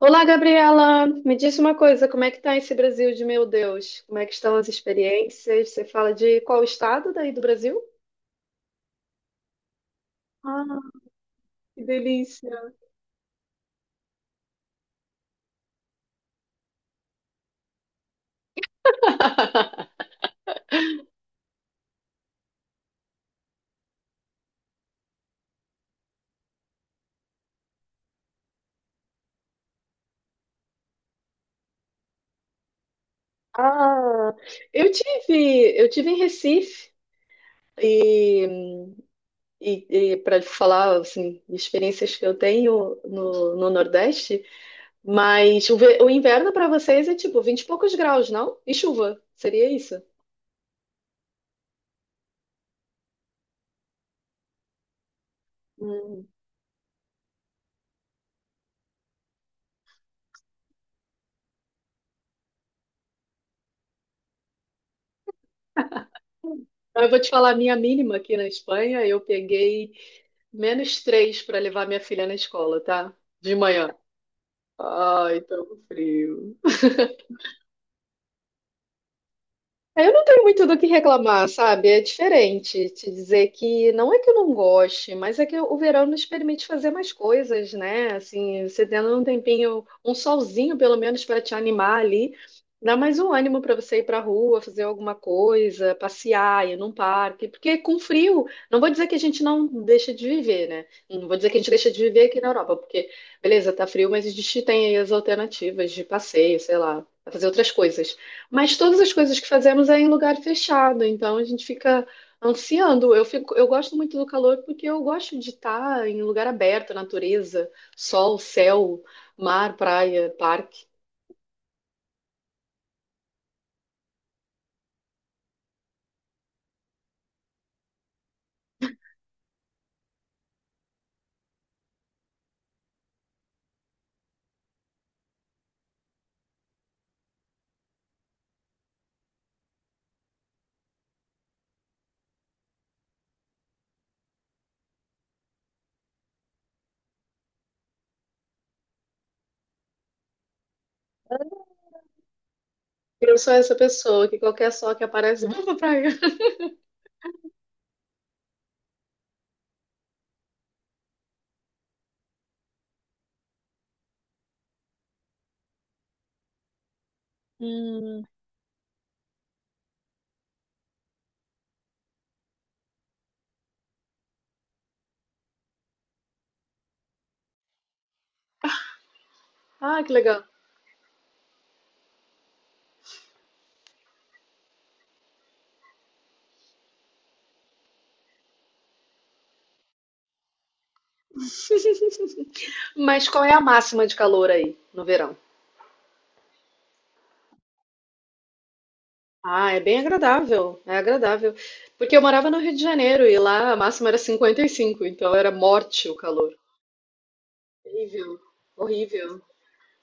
Olá, Gabriela. Me diz uma coisa, como é que tá esse Brasil de meu Deus? Como é que estão as experiências? Você fala de qual estado daí do Brasil? Ah, que delícia. Ah, eu tive em Recife, e, e, para falar assim, de experiências que eu tenho no Nordeste, mas o inverno para vocês é tipo 20 e poucos graus, não? E chuva, seria isso? Hum. Então, eu vou te falar a minha mínima aqui na Espanha. Eu peguei -3 para levar minha filha na escola, tá? De manhã. Ai, tão frio. É, eu não tenho muito do que reclamar, sabe? É diferente te dizer que não é que eu não goste, mas é que o verão nos permite fazer mais coisas, né? Assim, você tendo um tempinho, um solzinho pelo menos para te animar ali, dá mais um ânimo para você ir para a rua, fazer alguma coisa, passear, ir num parque, porque com frio, não vou dizer que a gente não deixa de viver, né? Não vou dizer que a gente deixa de viver aqui na Europa, porque beleza, tá frio, mas a gente tem aí as alternativas de passeio, sei lá, pra fazer outras coisas. Mas todas as coisas que fazemos é em lugar fechado, então a gente fica ansiando. Eu fico, eu gosto muito do calor porque eu gosto de estar em lugar aberto, natureza, sol, céu, mar, praia, parque. Eu sou essa pessoa que qualquer sol que aparece, vamos pra praia. Hum. Ah, que legal. Mas qual é a máxima de calor aí no verão? Ah, é bem agradável, é agradável. Porque eu morava no Rio de Janeiro e lá a máxima era 55, então era morte o calor. Horrível, horrível.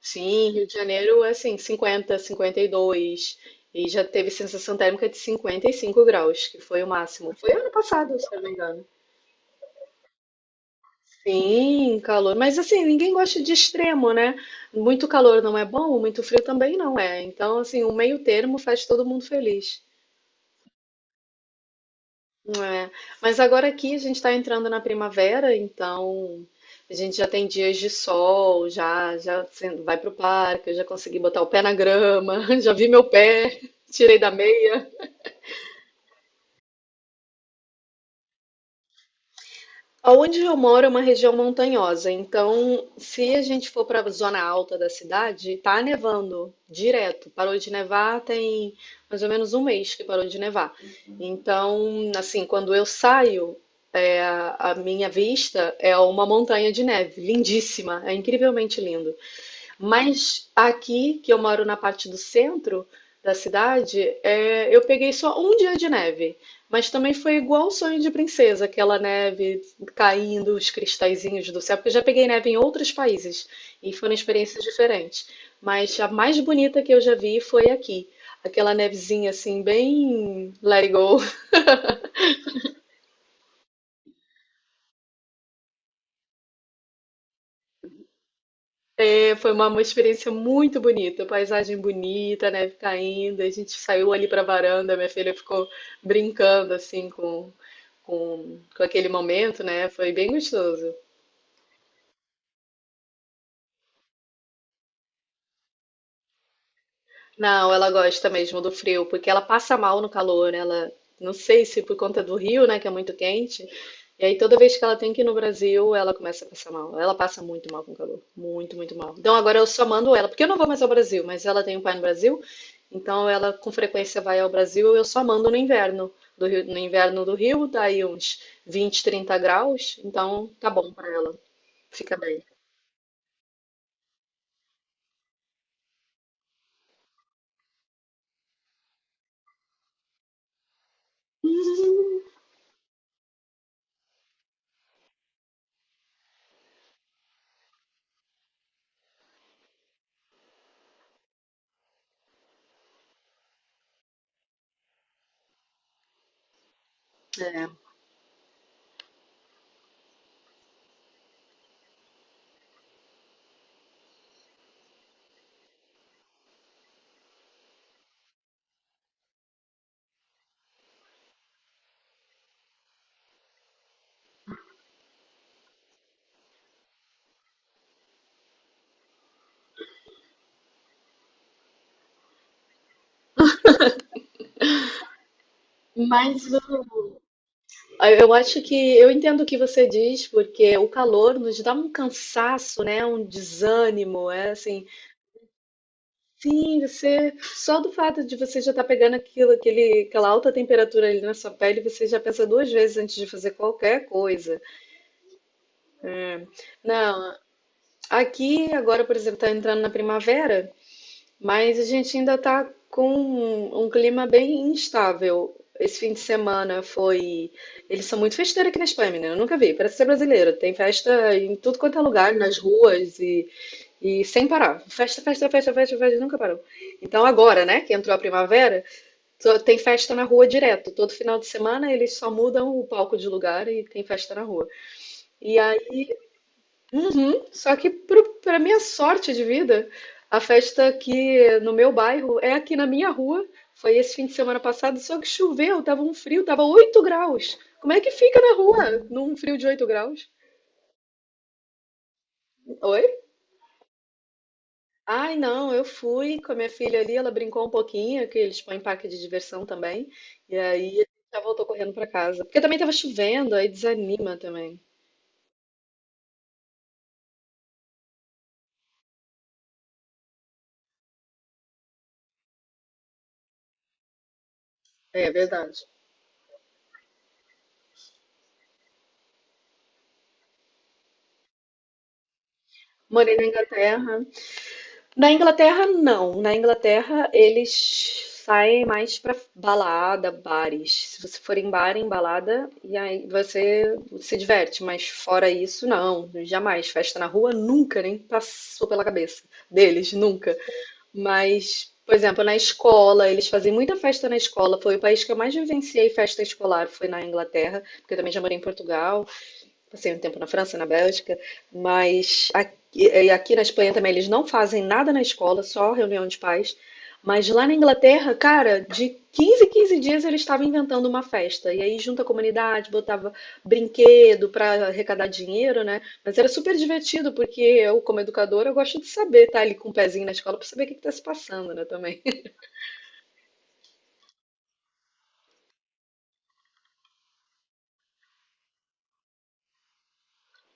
Sim, Rio de Janeiro é assim, 50, 52, e já teve sensação térmica de 55 graus, que foi o máximo. Foi ano passado, se eu não me engano. Sim, calor. Mas assim, ninguém gosta de extremo, né? Muito calor não é bom, muito frio também não é. Então, assim, o meio termo faz todo mundo feliz. É, mas agora aqui a gente está entrando na primavera, então a gente já tem dias de sol, já já você vai pro parque, eu já consegui botar o pé na grama, já vi meu pé, tirei da meia. Aonde eu moro é uma região montanhosa, então se a gente for para a zona alta da cidade, tá nevando direto. Parou de nevar tem mais ou menos um mês que parou de nevar. Então, assim, quando eu saio, é, a minha vista é uma montanha de neve, lindíssima, é incrivelmente lindo. Mas aqui, que eu moro na parte do centro da cidade, é, eu peguei só um dia de neve. Mas também foi igual o Sonho de Princesa, aquela neve caindo, os cristalzinhos do céu, porque eu já peguei neve em outros países e foram experiências diferentes. Mas a mais bonita que eu já vi foi aqui. Aquela nevezinha assim, bem let it go. É, foi uma experiência muito bonita, paisagem bonita, neve caindo. A gente saiu ali para a varanda, minha filha ficou brincando assim com, com aquele momento, né? Foi bem gostoso. Não, ela gosta mesmo do frio, porque ela passa mal no calor. Ela, não sei se por conta do Rio, né, que é muito quente. E aí toda vez que ela tem que ir no Brasil, ela começa a passar mal. Ela passa muito mal com calor, muito, muito mal. Então agora eu só mando ela, porque eu não vou mais ao Brasil, mas ela tem um pai no Brasil, então ela com frequência vai ao Brasil. Eu só mando no inverno do Rio, no inverno do Rio, dá aí uns 20, 30 graus, então tá bom pra ela, fica bem. É. Mas Ah, eu acho que eu entendo o que você diz, porque o calor nos dá um cansaço, né? Um desânimo, é assim. Sim, você só do fato de você já estar pegando aquilo, aquele, aquela alta temperatura ali na sua pele, você já pensa duas vezes antes de fazer qualquer coisa. Não, aqui agora, por exemplo, está entrando na primavera. Mas a gente ainda está com um clima bem instável. Esse fim de semana foi. Eles são muito festeiros aqui na Espanha, menina. Eu nunca vi. Parece ser brasileiro. Tem festa em tudo quanto é lugar, nas ruas e sem parar. Festa, festa, festa, festa, festa, nunca parou. Então agora, né, que entrou a primavera, só tem festa na rua direto. Todo final de semana eles só mudam o palco de lugar e tem festa na rua. E uhum. Só que pra minha sorte de vida, a festa aqui no meu bairro é aqui na minha rua. Foi esse fim de semana passado, só que choveu, tava um frio, tava 8 graus. Como é que fica na rua num frio de 8 graus? Oi? Ai, não, eu fui com a minha filha ali, ela brincou um pouquinho, que eles põem parque de diversão também. E aí já voltou correndo pra casa. Porque também tava chovendo, aí desanima também. É, é verdade. Morei na Inglaterra. Na Inglaterra, não. Na Inglaterra, eles saem mais pra balada, bares. Se você for em bar, em balada, e aí você se diverte. Mas fora isso, não. Jamais. Festa na rua, nunca, nem passou pela cabeça deles, nunca. Mas, por exemplo, na escola, eles faziam muita festa na escola. Foi o país que eu mais vivenciei festa escolar, foi na Inglaterra, porque eu também já morei em Portugal. Passei um tempo na França, na Bélgica, mas aqui, e aqui na Espanha também eles não fazem nada na escola, só reunião de pais. Mas lá na Inglaterra, cara, de 15 em 15 dias ele estava inventando uma festa. E aí junta a comunidade, botava brinquedo para arrecadar dinheiro, né? Mas era super divertido, porque eu, como educadora, eu gosto de saber, tá ali com o pezinho na escola para saber o que está se passando, né, também.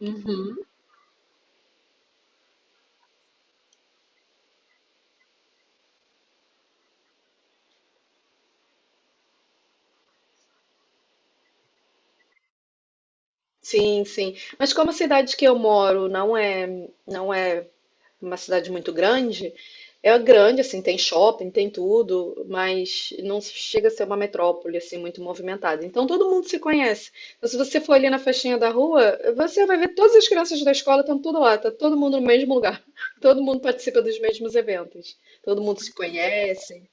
Uhum. Sim, sim. Mas como a cidade que eu moro não é uma cidade muito grande, é grande, assim, tem shopping, tem tudo, mas não chega a ser uma metrópole, assim, muito movimentada. Então todo mundo se conhece. Então, se você for ali na festinha da rua, você vai ver todas as crianças da escola estão tudo lá, tá todo mundo no mesmo lugar. Todo mundo participa dos mesmos eventos. Todo mundo se conhece.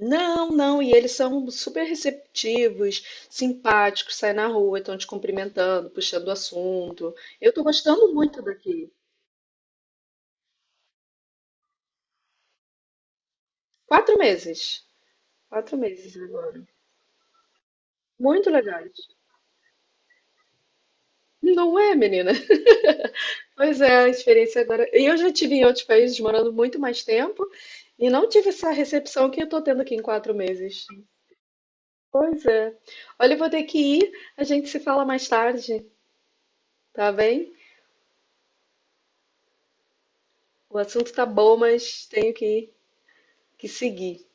Não, não, e eles são super receptivos, simpáticos, saem na rua, estão te cumprimentando, puxando o assunto. Eu tô gostando muito daqui. 4 meses. 4 meses agora. Muito legais. Não é, menina? Pois é, a experiência agora. E eu já tive em outros países morando muito mais tempo e não tive essa recepção que eu tô tendo aqui em 4 meses. Pois é. Olha, eu vou ter que ir. A gente se fala mais tarde, tá bem? O assunto tá bom, mas tenho que seguir.